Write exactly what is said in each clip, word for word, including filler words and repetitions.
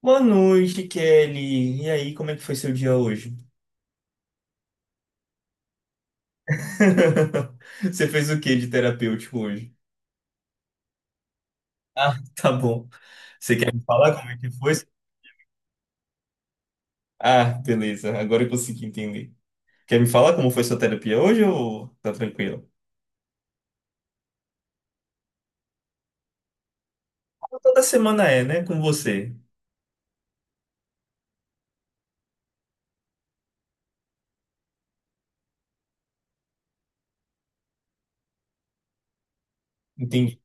Boa noite, Kelly. E aí, como é que foi seu dia hoje? Você fez o que de terapêutico hoje? Ah, tá bom. Você quer me falar como é que foi? Ah, beleza. Agora eu consegui entender. Quer me falar como foi sua terapia hoje ou tá tranquilo? Toda semana é, né? Com você. Entendi.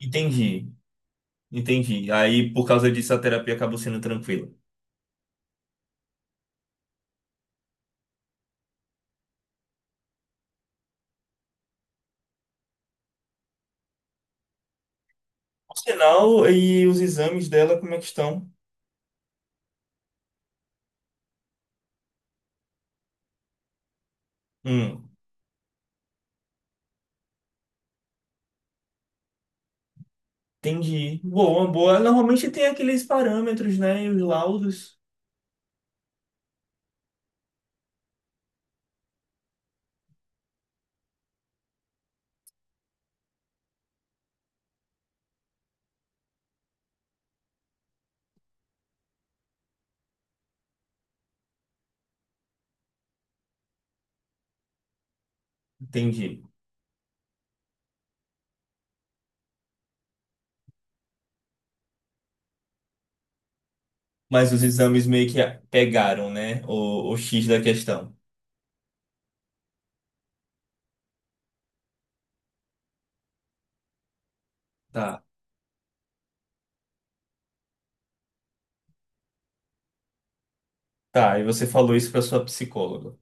Entendi. Entendi. Aí, por causa disso, a terapia acabou sendo tranquila. Por sinal, e os exames dela, como é que estão? Hum. Entendi. Boa, boa. Normalmente tem aqueles parâmetros, né? E os laudos. Entendi. Mas os exames meio que pegaram, né? O, o X da questão. Tá. Tá, e você falou isso pra sua psicóloga.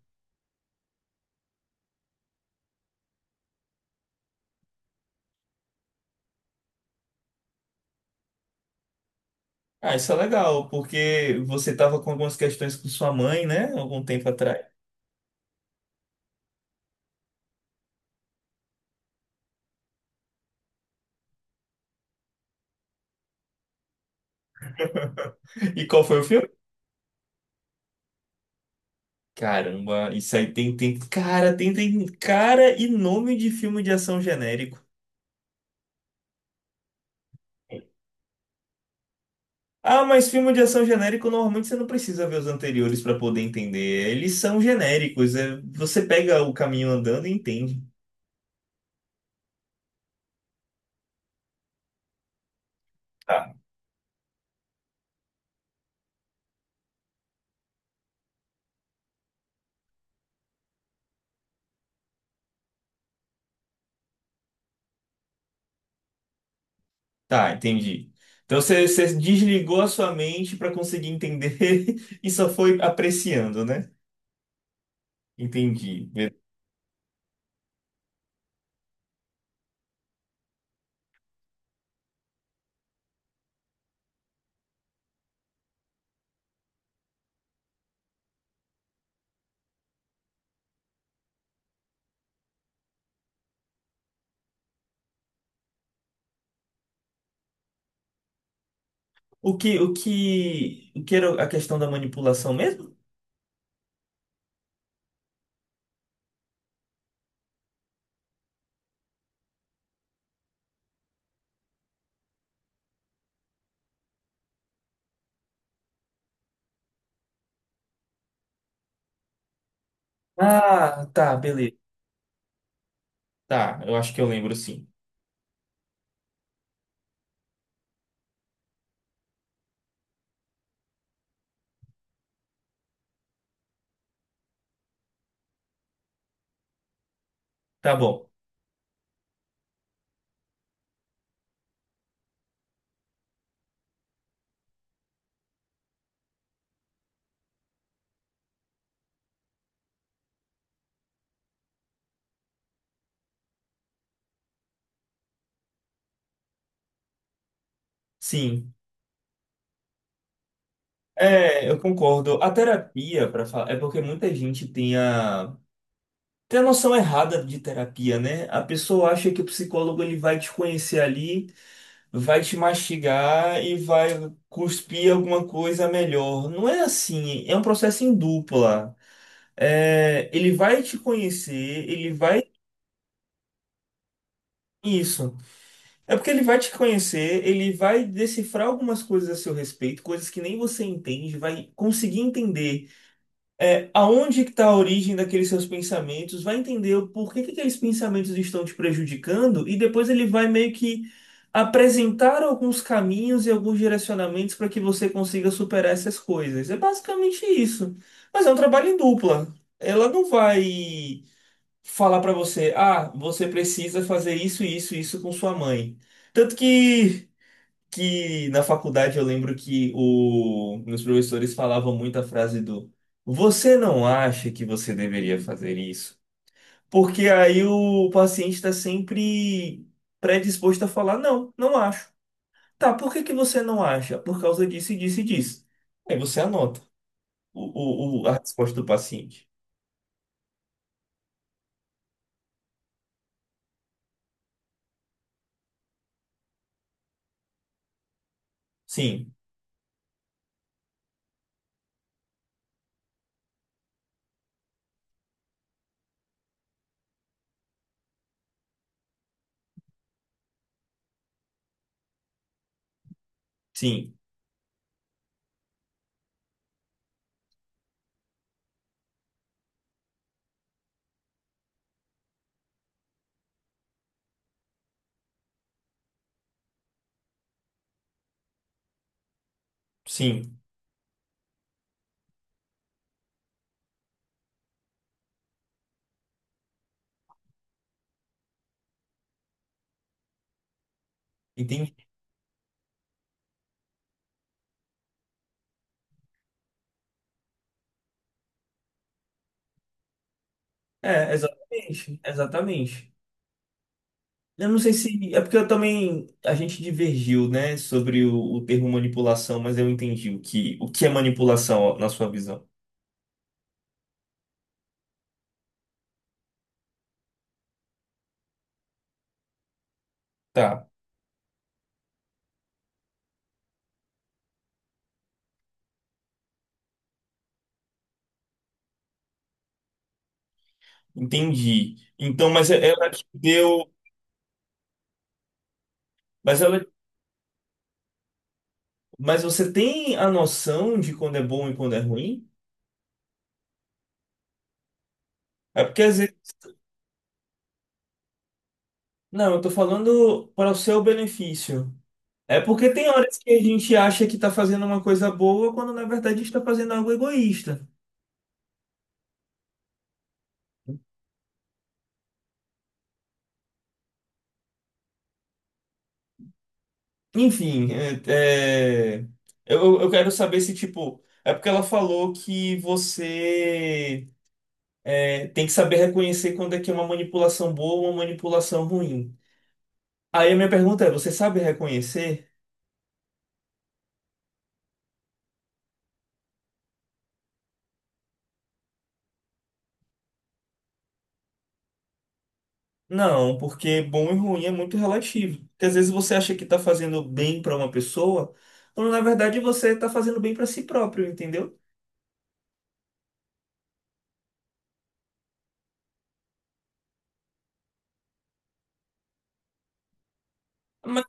Ah, isso é legal, porque você tava com algumas questões com sua mãe, né? Algum tempo atrás. E qual foi o filme? Caramba, isso aí tem, tem cara, tem, tem cara e nome de filme de ação genérico. Ah, mas filme de ação genérico, normalmente você não precisa ver os anteriores para poder entender. Eles são genéricos. é- Você pega o caminho andando e entende. Tá. Tá, entendi. Então você, você desligou a sua mente para conseguir entender e só foi apreciando, né? Entendi. O que, o que, o que era a questão da manipulação mesmo? Ah, tá, beleza. Tá, eu acho que eu lembro sim. Tá bom. Sim. É, eu concordo. A terapia, para falar, é porque muita gente tem a Tem a noção errada de terapia, né? A pessoa acha que o psicólogo ele vai te conhecer ali, vai te mastigar e vai cuspir alguma coisa melhor. Não é assim, é um processo em dupla. É, ele vai te conhecer, ele vai. Isso. É porque ele vai te conhecer, ele vai decifrar algumas coisas a seu respeito, coisas que nem você entende, vai conseguir entender. É, aonde que está a origem daqueles seus pensamentos, vai entender o porquê que aqueles pensamentos estão te prejudicando e depois ele vai meio que apresentar alguns caminhos e alguns direcionamentos para que você consiga superar essas coisas. É basicamente isso. Mas é um trabalho em dupla. Ela não vai falar para você, ah, você precisa fazer isso, isso, isso com sua mãe. Tanto que que na faculdade eu lembro que o, meus professores falavam muito a frase do Você não acha que você deveria fazer isso? Porque aí o paciente está sempre predisposto a falar, não, não acho. Tá, por que que você não acha? Por causa disso, e disso e disso. Aí você anota o, o, o- a resposta do paciente. Sim, sim, sim. Entendi. É, exatamente, exatamente. Eu não sei se. É porque eu também. A gente divergiu, né, sobre o, o termo manipulação, mas eu entendi o que, o que é manipulação na sua visão. Tá, entendi. Então, mas é, ela te deu. Mas ela. Mas você tem a noção de quando é bom e quando é ruim? É porque às vezes. Não, eu tô falando para o seu benefício. É porque tem horas que a gente acha que tá fazendo uma coisa boa, quando na verdade está fazendo algo egoísta. Enfim, é, é, eu, eu quero saber se, tipo, é porque ela falou que você é, tem que saber reconhecer quando é que é uma manipulação boa ou uma manipulação ruim. Aí a minha pergunta é, você sabe reconhecer? Não, porque bom e ruim é muito relativo. Porque às vezes você acha que está fazendo bem para uma pessoa, quando na verdade você está fazendo bem para si próprio, entendeu? Mas,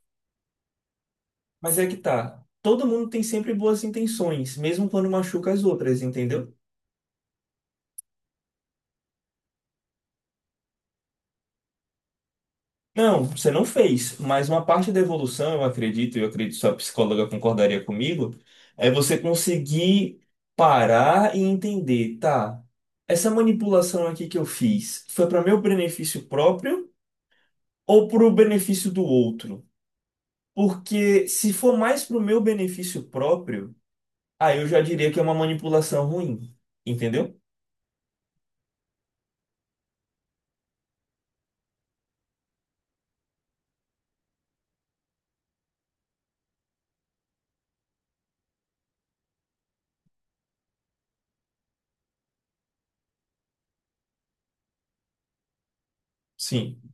mas é que tá. Todo mundo tem sempre boas intenções, mesmo quando machuca as outras, entendeu? Não, você não fez, mas uma parte da evolução, eu acredito, e eu acredito que sua psicóloga concordaria comigo, é você conseguir parar e entender, tá, essa manipulação aqui que eu fiz foi para meu benefício próprio ou para o benefício do outro? Porque se for mais para o meu benefício próprio, aí eu já diria que é uma manipulação ruim, entendeu? Sim,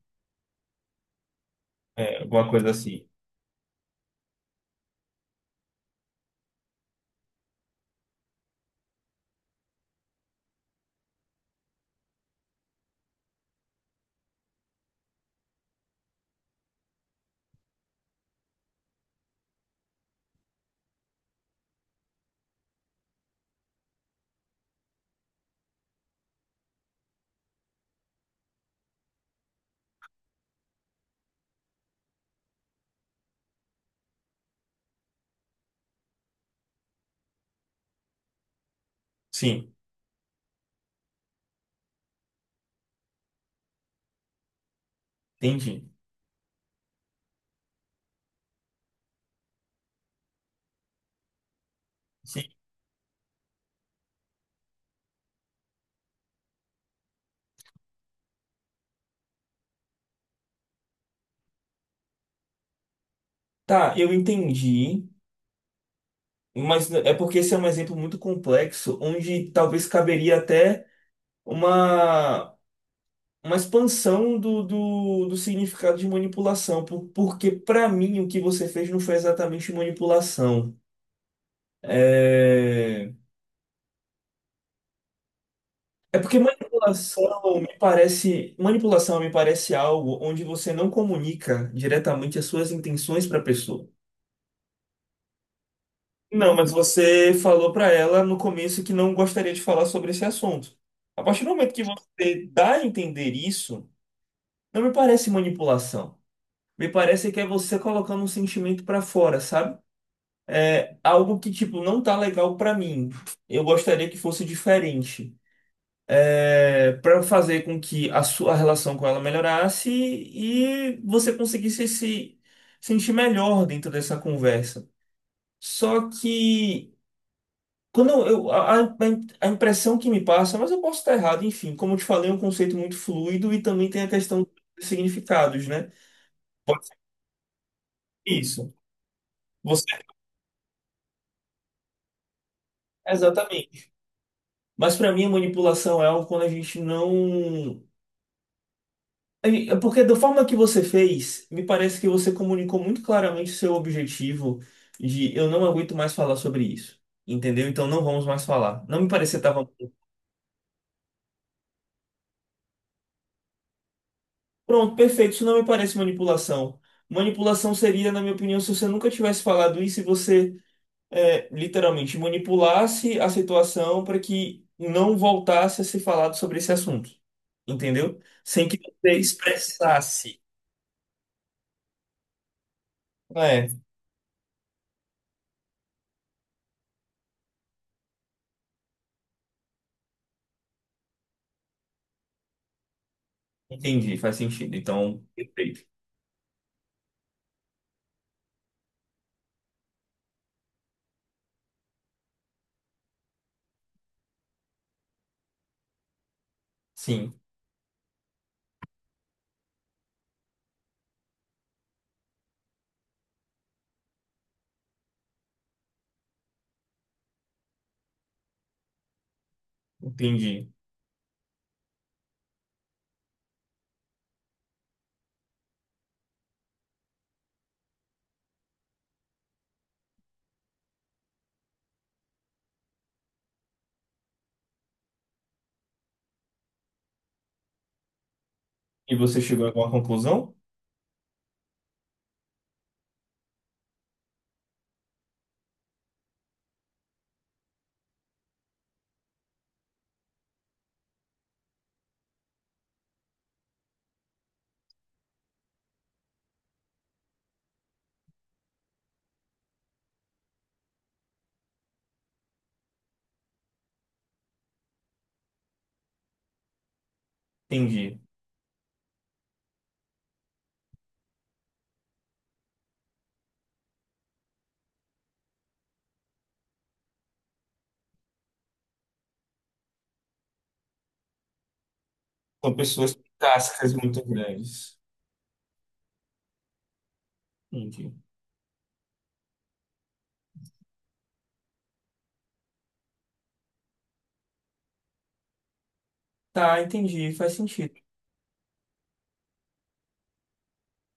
é, alguma coisa assim. Sim, entendi. Sim. Tá, eu entendi. Mas é porque esse é um exemplo muito complexo, onde talvez caberia até uma, uma expansão do, do, do significado de manipulação, por- porque para mim o que você fez não foi exatamente manipulação. É, é porque manipulação me parece, manipulação me parece algo onde você não comunica diretamente as suas intenções para a pessoa. Não, mas você falou para ela no começo que não gostaria de falar sobre esse assunto. A partir do momento que você dá a entender isso, não me parece manipulação. Me parece que é você colocando um sentimento para fora, sabe? Algo que, tipo, não tá legal para mim. Eu gostaria que fosse diferente. É, para fazer com que a sua relação com ela melhorasse e você conseguisse se sentir melhor dentro dessa conversa. Só que Quando eu, eu- a, a- a impressão que me passa, mas eu posso estar errado, enfim, como eu te falei, é um conceito muito fluido e também tem a questão dos significados, né? Pode ser isso. Você, exatamente. Mas para mim, a manipulação é algo quando a gente não. É Porque da forma que você fez, me parece que você comunicou muito claramente o seu objetivo de eu não aguento mais falar sobre isso. Entendeu? Então não vamos mais falar. Não me parecia que estava Pronto, perfeito. Isso não me parece manipulação. Manipulação seria, na minha opinião, se você nunca tivesse falado isso e você é, literalmente manipulasse a situação para que não voltasse a ser falado sobre esse assunto. Entendeu? Sem que você expressasse. É, entendi, faz sentido. Então, perfeito. Sim, entendi. E você chegou a alguma conclusão? Entendi. São pessoas com cascas muito grandes. Entendi. Tá, entendi, faz sentido.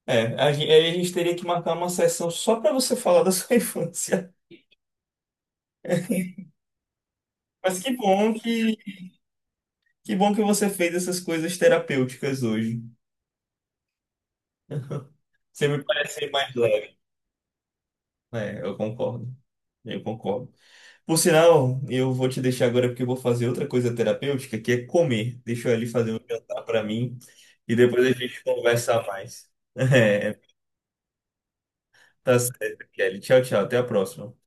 É, a gente, aí a gente teria que marcar uma sessão só para você falar da sua infância. Mas que bom que, que bom que você fez essas coisas terapêuticas hoje. Você me parece mais leve. É, eu concordo. Eu concordo. Por sinal, eu vou te deixar agora porque eu vou fazer outra coisa terapêutica, que é comer. Deixa eu ali fazer um jantar para mim e depois a gente conversa mais. É, tá certo, Kelly. Tchau, tchau. Até a próxima.